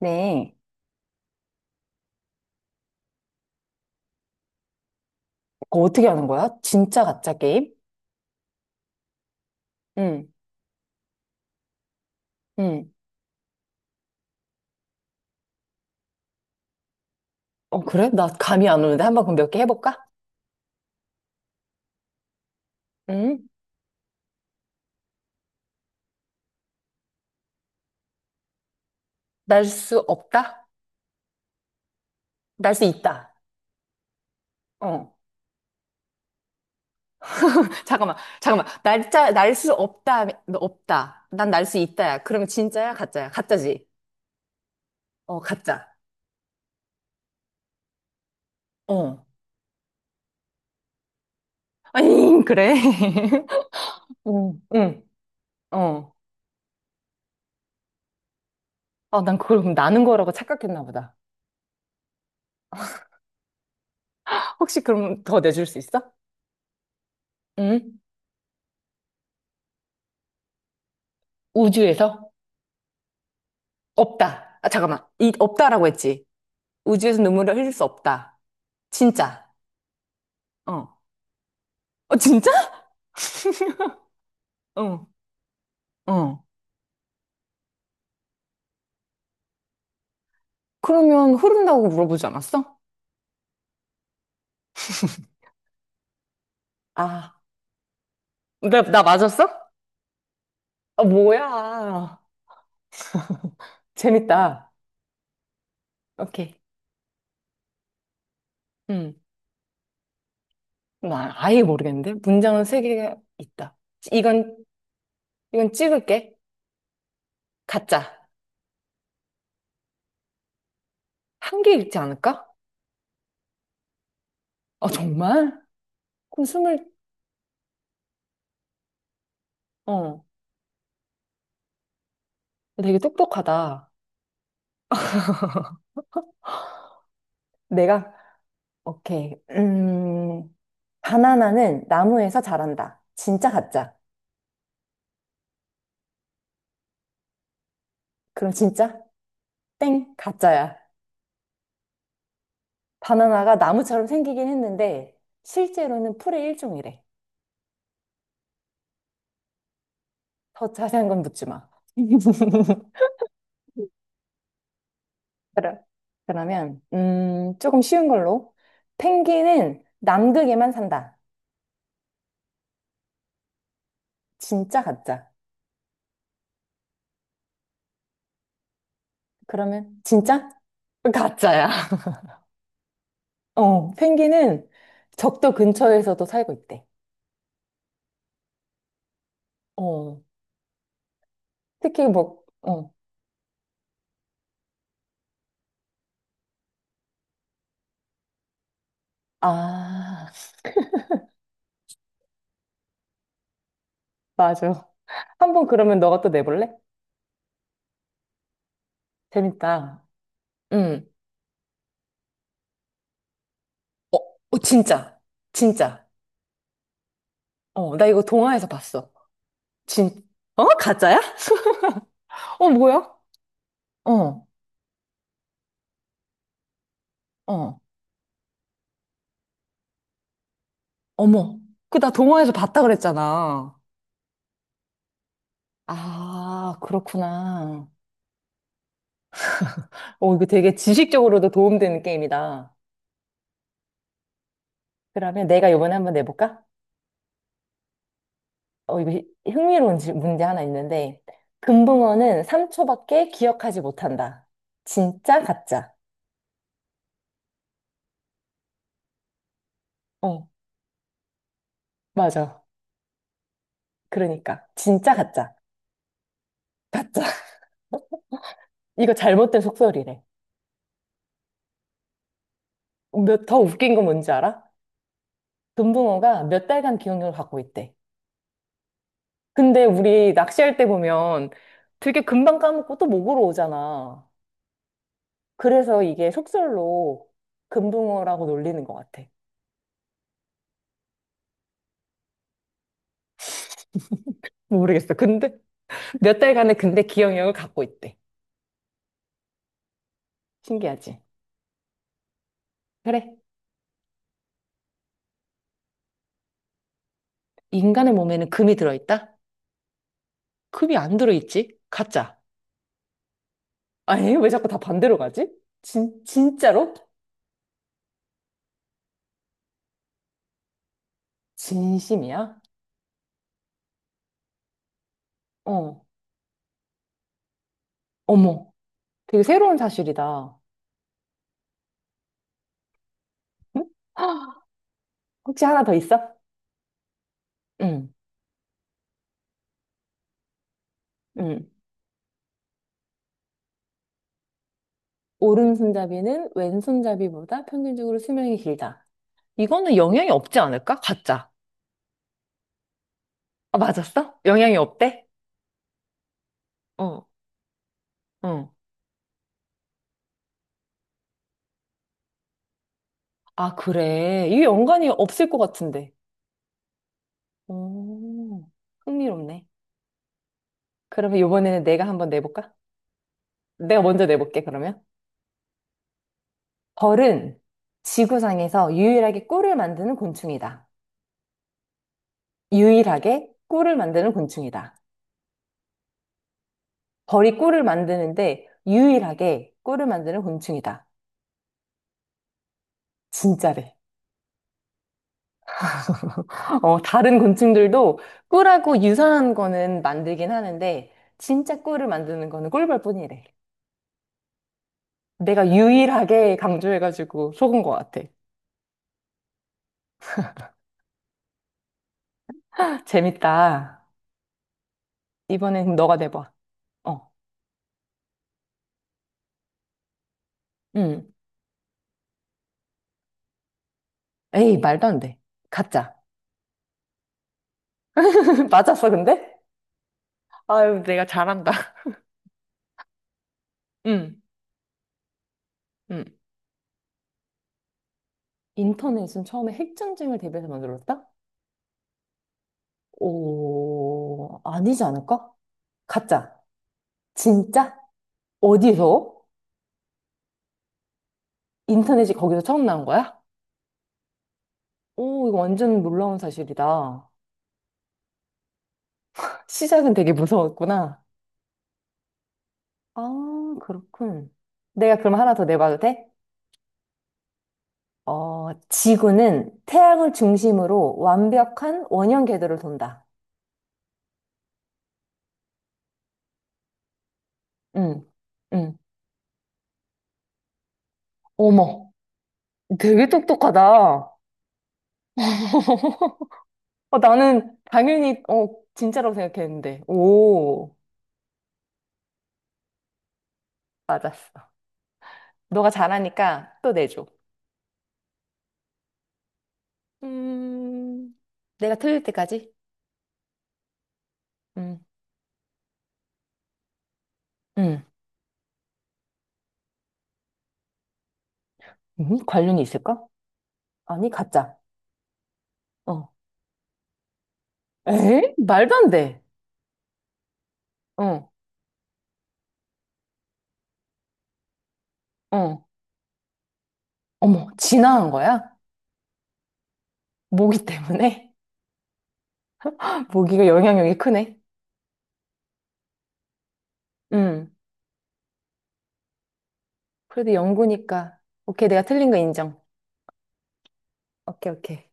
네. 그거 어떻게 하는 거야? 진짜 가짜 게임? 응, 응. 그래? 나 감이 안 오는데 한번 그럼 몇 개 해볼까? 응? 날 수 없다? 날 수 있다. 어. 잠깐만. 날짜, 날 수 없다, 너 없다. 난 날 수 있다야. 그러면 진짜야? 가짜야? 가짜지? 어, 가짜. 어. 아니, 그래. 응, 응, 어. 아, 난 그걸 그럼 나는 거라고 착각했나 보다. 혹시 그럼 더 내줄 수 있어? 응? 우주에서? 없다. 아, 잠깐만. 이, 없다라고 했지. 우주에서 눈물을 흘릴 수 없다. 진짜. 어. 어, 진짜? 어. 어. 그러면 흐른다고 물어보지 않았어? 아, 나 맞았어? 아, 뭐야. 재밌다. 오케이. 음. 나 아예 모르겠는데? 문장은 세 개가 있다. 이건, 이건 찍을게. 가짜. 한 개 읽지 않을까? 아, 정말? 그럼 스물, 어. 되게 똑똑하다. 내가, 오케이. 음. 바나나는 나무에서 자란다. 진짜 가짜? 그럼 진짜? 땡, 가짜야. 바나나가 나무처럼 생기긴 했는데 실제로는 풀의 일종이래. 더 자세한 건 묻지 마. 그럼 그러면 조금 쉬운 걸로. 펭귄은 남극에만 산다. 진짜 가짜? 그러면 진짜? 가짜야. 어, 펭귄은 적도 근처에서도 살고 있대. 어, 특히 뭐, 어, 아. 맞아. 한 번 그러면 너가 또 내볼래? 재밌다. 응. 어, 어, 진짜. 진짜. 어, 나 이거 동화에서 봤어. 진, 어? 가짜야? 어, 뭐야? 어, 어. 어머. 그 나 동화에서 봤다 그랬잖아. 아, 그렇구나. 어, 이거 되게 지식적으로도 도움되는 게임이다. 그러면 내가 이번에 한번 내볼까? 어, 이거 흥미로운 문제 하나 있는데. 금붕어는 3초밖에 기억하지 못한다. 진짜, 가짜. 어. 맞아. 그러니까. 진짜 가짜. 가짜. 이거 잘못된 속설이래. 몇, 더 웃긴 건 뭔지 알아? 금붕어가 몇 달간 기억력을 갖고 있대. 근데 우리 낚시할 때 보면 되게 금방 까먹고 또 목으로 오잖아. 그래서 이게 속설로 금붕어라고 놀리는 것 같아. 모르겠어. 근데 몇 달간의 근데 기억력을 갖고 있대. 신기하지? 그래. 인간의 몸에는 금이 들어있다? 금이 안 들어있지? 가짜. 아니, 왜 자꾸 다 반대로 가지? 진짜로? 진심이야? 어, 어머, 되게 새로운 사실이다. 응? 헉, 혹시 하나 더 있어? 응, 응. 오른손잡이는 왼손잡이보다 평균적으로 수명이 길다. 이거는 영향이 없지 않을까? 가짜. 아, 맞았어? 영향이 없대? 어, 어. 아, 그래. 이게 연관이 없을 것 같은데. 오, 흥미롭네. 그러면 이번에는 내가 한번 내볼까? 내가 먼저 내볼게, 그러면. 벌은 지구상에서 유일하게 꿀을 만드는 곤충이다. 유일하게 꿀을 만드는 곤충이다. 벌이 꿀을 만드는데 유일하게 꿀을 만드는 곤충이다. 진짜래. 어, 다른 곤충들도 꿀하고 유사한 거는 만들긴 하는데 진짜 꿀을 만드는 거는 꿀벌뿐이래. 내가 유일하게 강조해가지고 속은 것 같아. 재밌다. 이번엔 그럼 너가 내봐. 어, 응. 에이, 말도 안 돼. 가짜. 맞았어, 근데? 아유, 내가 잘한다. 응, 응. 인터넷은 처음에 핵전쟁을 대비해서 만들었다? 오, 아니지 않을까? 가짜. 진짜? 어디서? 인터넷이 거기서 처음 나온 거야? 오, 이거 완전 놀라운 사실이다. 시작은 되게 무서웠구나. 아, 그렇군. 내가 그럼 하나 더 내봐도 돼? 어, 지구는 태양을 중심으로 완벽한 원형 궤도를 돈다. 응, 응. 어머, 되게 똑똑하다. 어, 나는 당연히, 어, 진짜라고 생각했는데. 오, 맞았어. 너가 잘하니까 또 내줘. 음, 내가 틀릴 때까지? 음, 음, 관련이 있을까? 아니, 가짜. 어. 에? 말도 안 돼. 어, 어. 어머, 진화한 거야? 모기 때문에? 모기가 영향력이 크네. 음, 그래도 연구니까. 오케이, 내가 틀린 거 인정. 오케이, 오케이.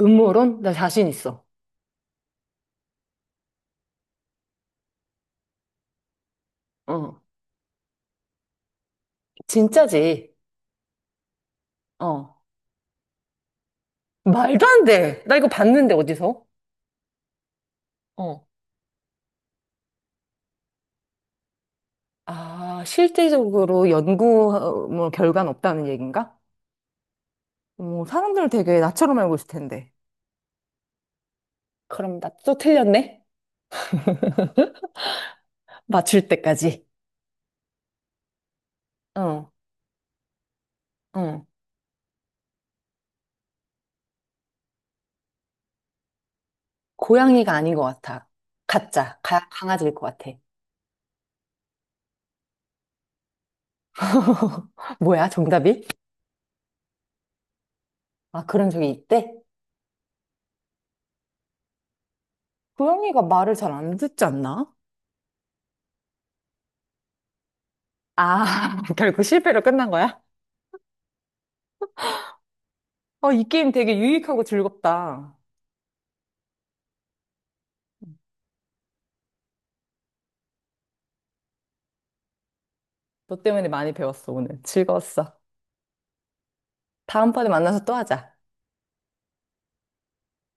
음모론? 나 자신 있어. 어. 진짜지. 어. 말도 안 돼. 나 이거 봤는데, 어디서? 어. 아, 실질적으로 연구 어, 뭐 결과는 없다는 얘긴가? 뭐 사람들을 되게 나처럼 알고 있을 텐데. 그럼 나 또 틀렸네? 맞출 때까지. 어, 어. 고양이가 아닌 것 같아. 가짜. 가, 강아지일 것 같아. 뭐야, 정답이? 아, 그런 적이 있대? 고양이가 말을 잘 안 듣지 않나? 아, 결국 실패로 끝난 거야? 어, 이 게임 되게 유익하고 즐겁다. 너 때문에 많이 배웠어, 오늘. 즐거웠어. 다음번에 만나서 또 하자.